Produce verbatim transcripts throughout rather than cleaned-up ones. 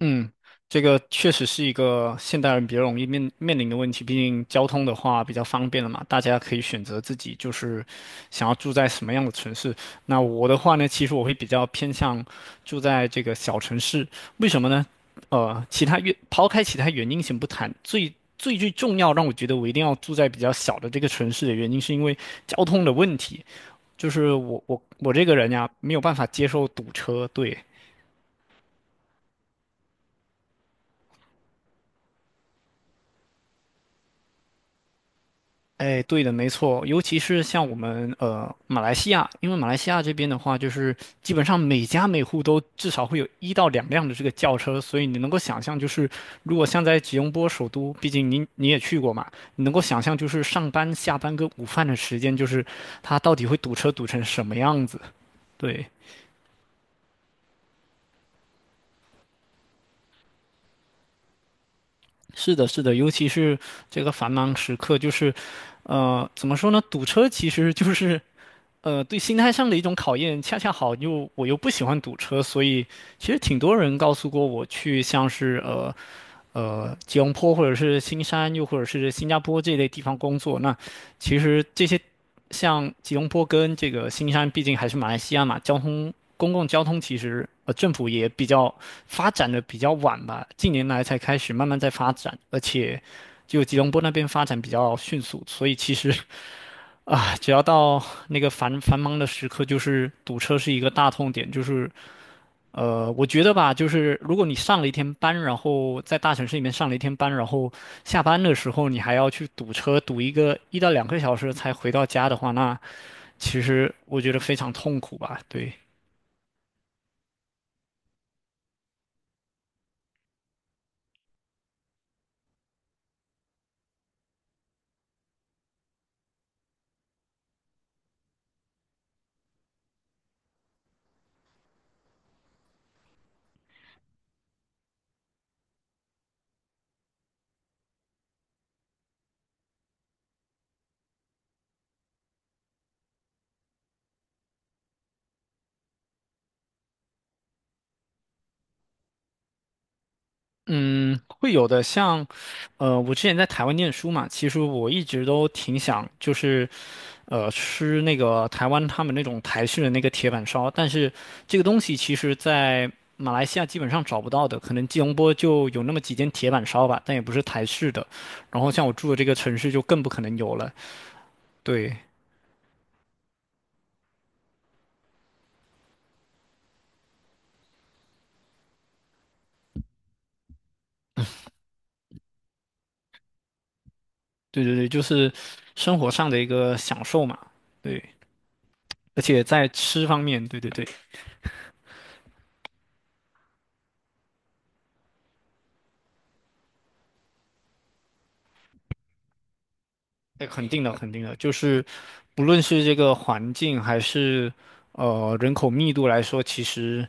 嗯，这个确实是一个现代人比较容易面面临的问题。毕竟交通的话比较方便了嘛，大家可以选择自己就是想要住在什么样的城市。那我的话呢，其实我会比较偏向住在这个小城市。为什么呢？呃，其他原抛开其他原因先不谈，最最最重要让我觉得我一定要住在比较小的这个城市的原因，是因为交通的问题。就是我我我这个人呀，没有办法接受堵车，对。哎，对的，没错，尤其是像我们呃马来西亚，因为马来西亚这边的话，就是基本上每家每户都至少会有一到两辆的这个轿车，所以你能够想象，就是如果像在吉隆坡首都，毕竟你你也去过嘛，你能够想象就是上班、下班跟午饭的时间，就是它到底会堵车堵成什么样子？对，是的，是的，尤其是这个繁忙时刻，就是。呃，怎么说呢？堵车其实就是呃，对心态上的一种考验，恰恰好又我又不喜欢堵车，所以其实挺多人告诉过我去像是呃呃吉隆坡或者是新山，又或者是新加坡这类地方工作。那其实这些像吉隆坡跟这个新山，毕竟还是马来西亚嘛，交通公共交通其实呃政府也比较发展的比较晚吧，近年来才开始慢慢在发展，而且就吉隆坡那边发展比较迅速，所以其实啊，只要到那个繁繁忙的时刻，就是堵车是一个大痛点。就是呃，我觉得吧，就是如果你上了一天班，然后在大城市里面上了一天班，然后下班的时候你还要去堵车，堵一个一到两个小时才回到家的话，那其实我觉得非常痛苦吧。对。嗯，会有的。像，呃，我之前在台湾念书嘛，其实我一直都挺想，就是呃，吃那个台湾他们那种台式的那个铁板烧，但是这个东西其实在马来西亚基本上找不到的，可能吉隆坡就有那么几间铁板烧吧，但也不是台式的。然后像我住的这个城市就更不可能有了。对，对对对，就是生活上的一个享受嘛。对，而且在吃方面，对对对，那肯定的，肯定的，就是不论是这个环境还是呃人口密度来说，其实。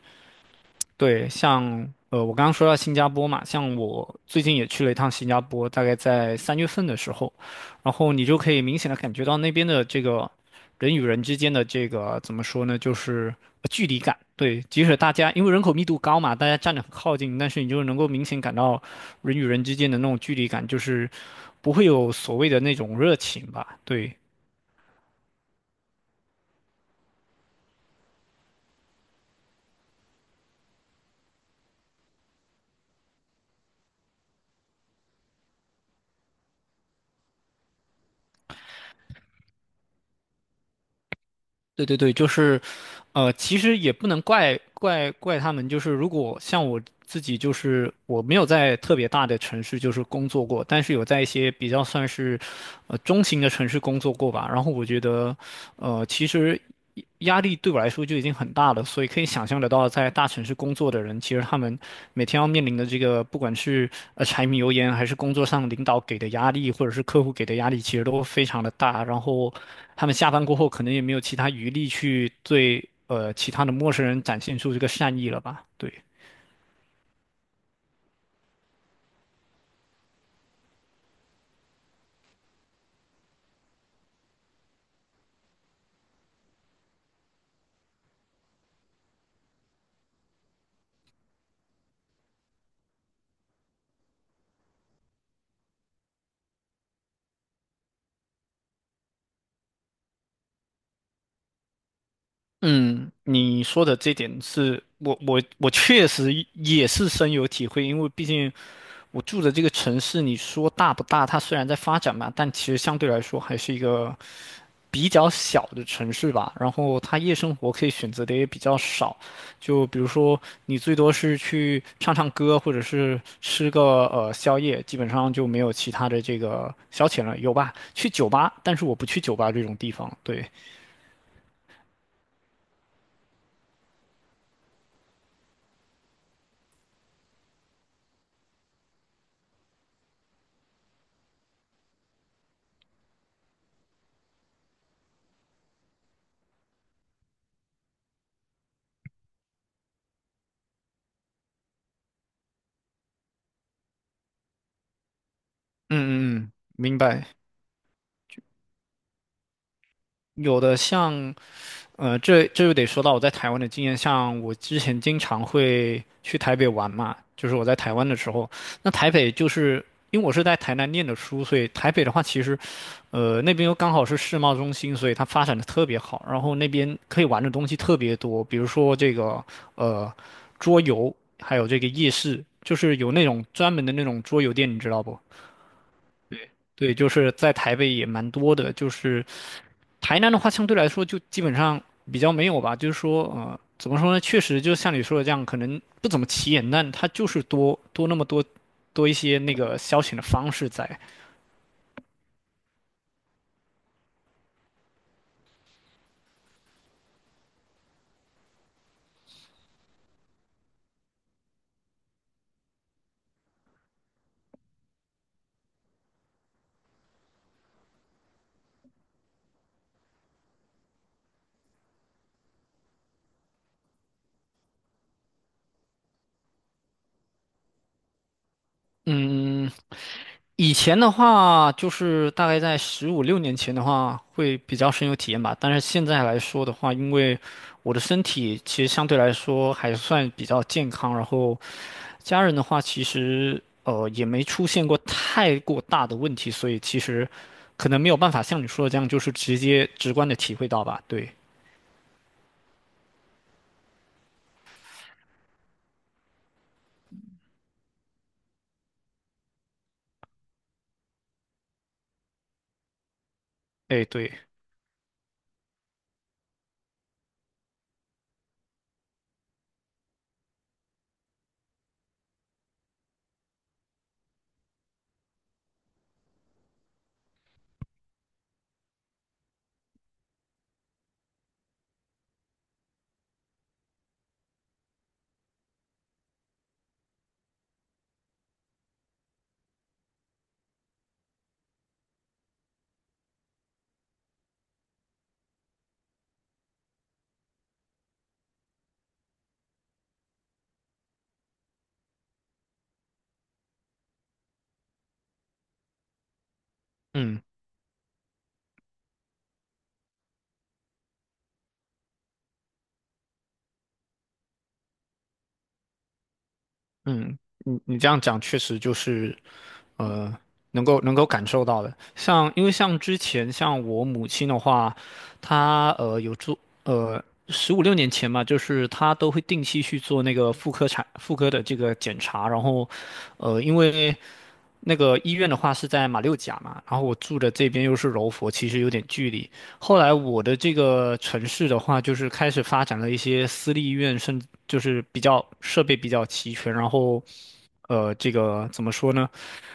对，像呃，我刚刚说到新加坡嘛，像我最近也去了一趟新加坡，大概在三月份的时候，然后你就可以明显的感觉到那边的这个人与人之间的这个怎么说呢，就是呃距离感。对，即使大家因为人口密度高嘛，大家站得很靠近，但是你就能够明显感到人与人之间的那种距离感，就是不会有所谓的那种热情吧？对。对对对，就是，呃，其实也不能怪怪怪他们，就是如果像我自己，就是我没有在特别大的城市就是工作过，但是有在一些比较算是，呃，中型的城市工作过吧。然后我觉得，呃，其实。压力对我来说就已经很大了，所以可以想象得到，在大城市工作的人，其实他们每天要面临的这个，不管是呃柴米油盐，还是工作上领导给的压力，或者是客户给的压力，其实都非常的大。然后他们下班过后，可能也没有其他余力去对呃其他的陌生人展现出这个善意了吧？对。嗯，你说的这点是我我我确实也是深有体会，因为毕竟我住的这个城市，你说大不大？它虽然在发展嘛，但其实相对来说还是一个比较小的城市吧。然后它夜生活可以选择的也比较少，就比如说你最多是去唱唱歌，或者是吃个呃宵夜，基本上就没有其他的这个消遣了。有吧？去酒吧，但是我不去酒吧这种地方。对，嗯嗯嗯，明白。有的像，呃，这这就得说到我在台湾的经验，像我之前经常会去台北玩嘛，就是我在台湾的时候，那台北就是因为我是在台南念的书，所以台北的话其实，呃，那边又刚好是世贸中心，所以它发展的特别好，然后那边可以玩的东西特别多，比如说这个呃桌游，还有这个夜市，就是有那种专门的那种桌游店，你知道不？对，就是在台北也蛮多的，就是台南的话，相对来说就基本上比较没有吧，就是说，呃，怎么说呢？确实，就像你说的这样，可能不怎么起眼，但它就是多多那么多多一些那个消遣的方式在。嗯，以前的话，就是大概在十五六年前的话，会比较深有体验吧。但是现在来说的话，因为我的身体其实相对来说还算比较健康，然后家人的话，其实呃也没出现过太过大的问题，所以其实可能没有办法像你说的这样，就是直接直观的体会到吧。对，哎，对，嗯。嗯，你你这样讲确实就是，呃，能够能够感受到的。像因为像之前像我母亲的话，她呃有做呃十五六年前嘛，就是她都会定期去做那个妇科产妇科的这个检查，然后呃因为那个医院的话是在马六甲嘛，然后我住的这边又是柔佛，其实有点距离，后来我的这个城市的话，就是开始发展了一些私立医院，甚至就是比较设备比较齐全，然后，呃，这个怎么说呢？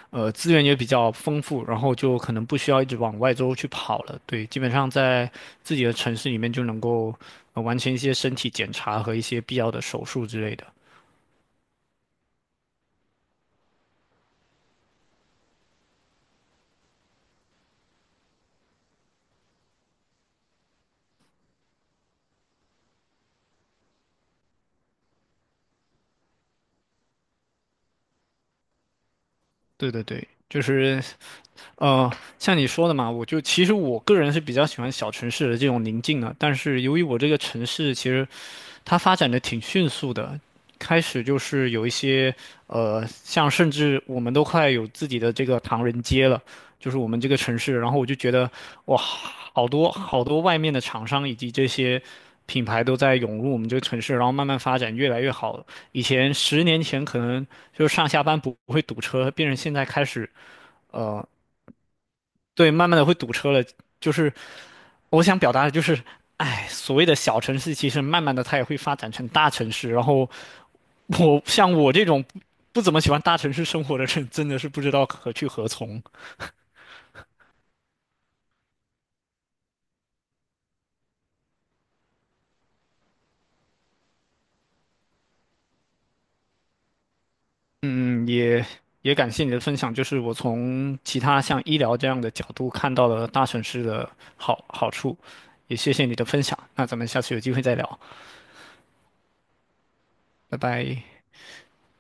呃，资源也比较丰富，然后就可能不需要一直往外州去跑了。对，基本上在自己的城市里面就能够，呃，完成一些身体检查和一些必要的手术之类的。对对对，就是呃，像你说的嘛，我就其实我个人是比较喜欢小城市的这种宁静的，但是由于我这个城市其实它发展的挺迅速的，开始就是有一些呃，像甚至我们都快有自己的这个唐人街了，就是我们这个城市。然后我就觉得哇，好多好多外面的厂商以及这些品牌都在涌入我们这个城市，然后慢慢发展越来越好。以前十年前可能就是上下班不不会堵车，变成现在开始，呃对，慢慢的会堵车了。就是我想表达的就是，哎，所谓的小城市，其实慢慢的它也会发展成大城市。然后我像我这种不不怎么喜欢大城市生活的人，真的是不知道何去何从。嗯，也也感谢你的分享，就是我从其他像医疗这样的角度看到了大城市的好好处，也谢谢你的分享。那咱们下次有机会再聊，拜拜。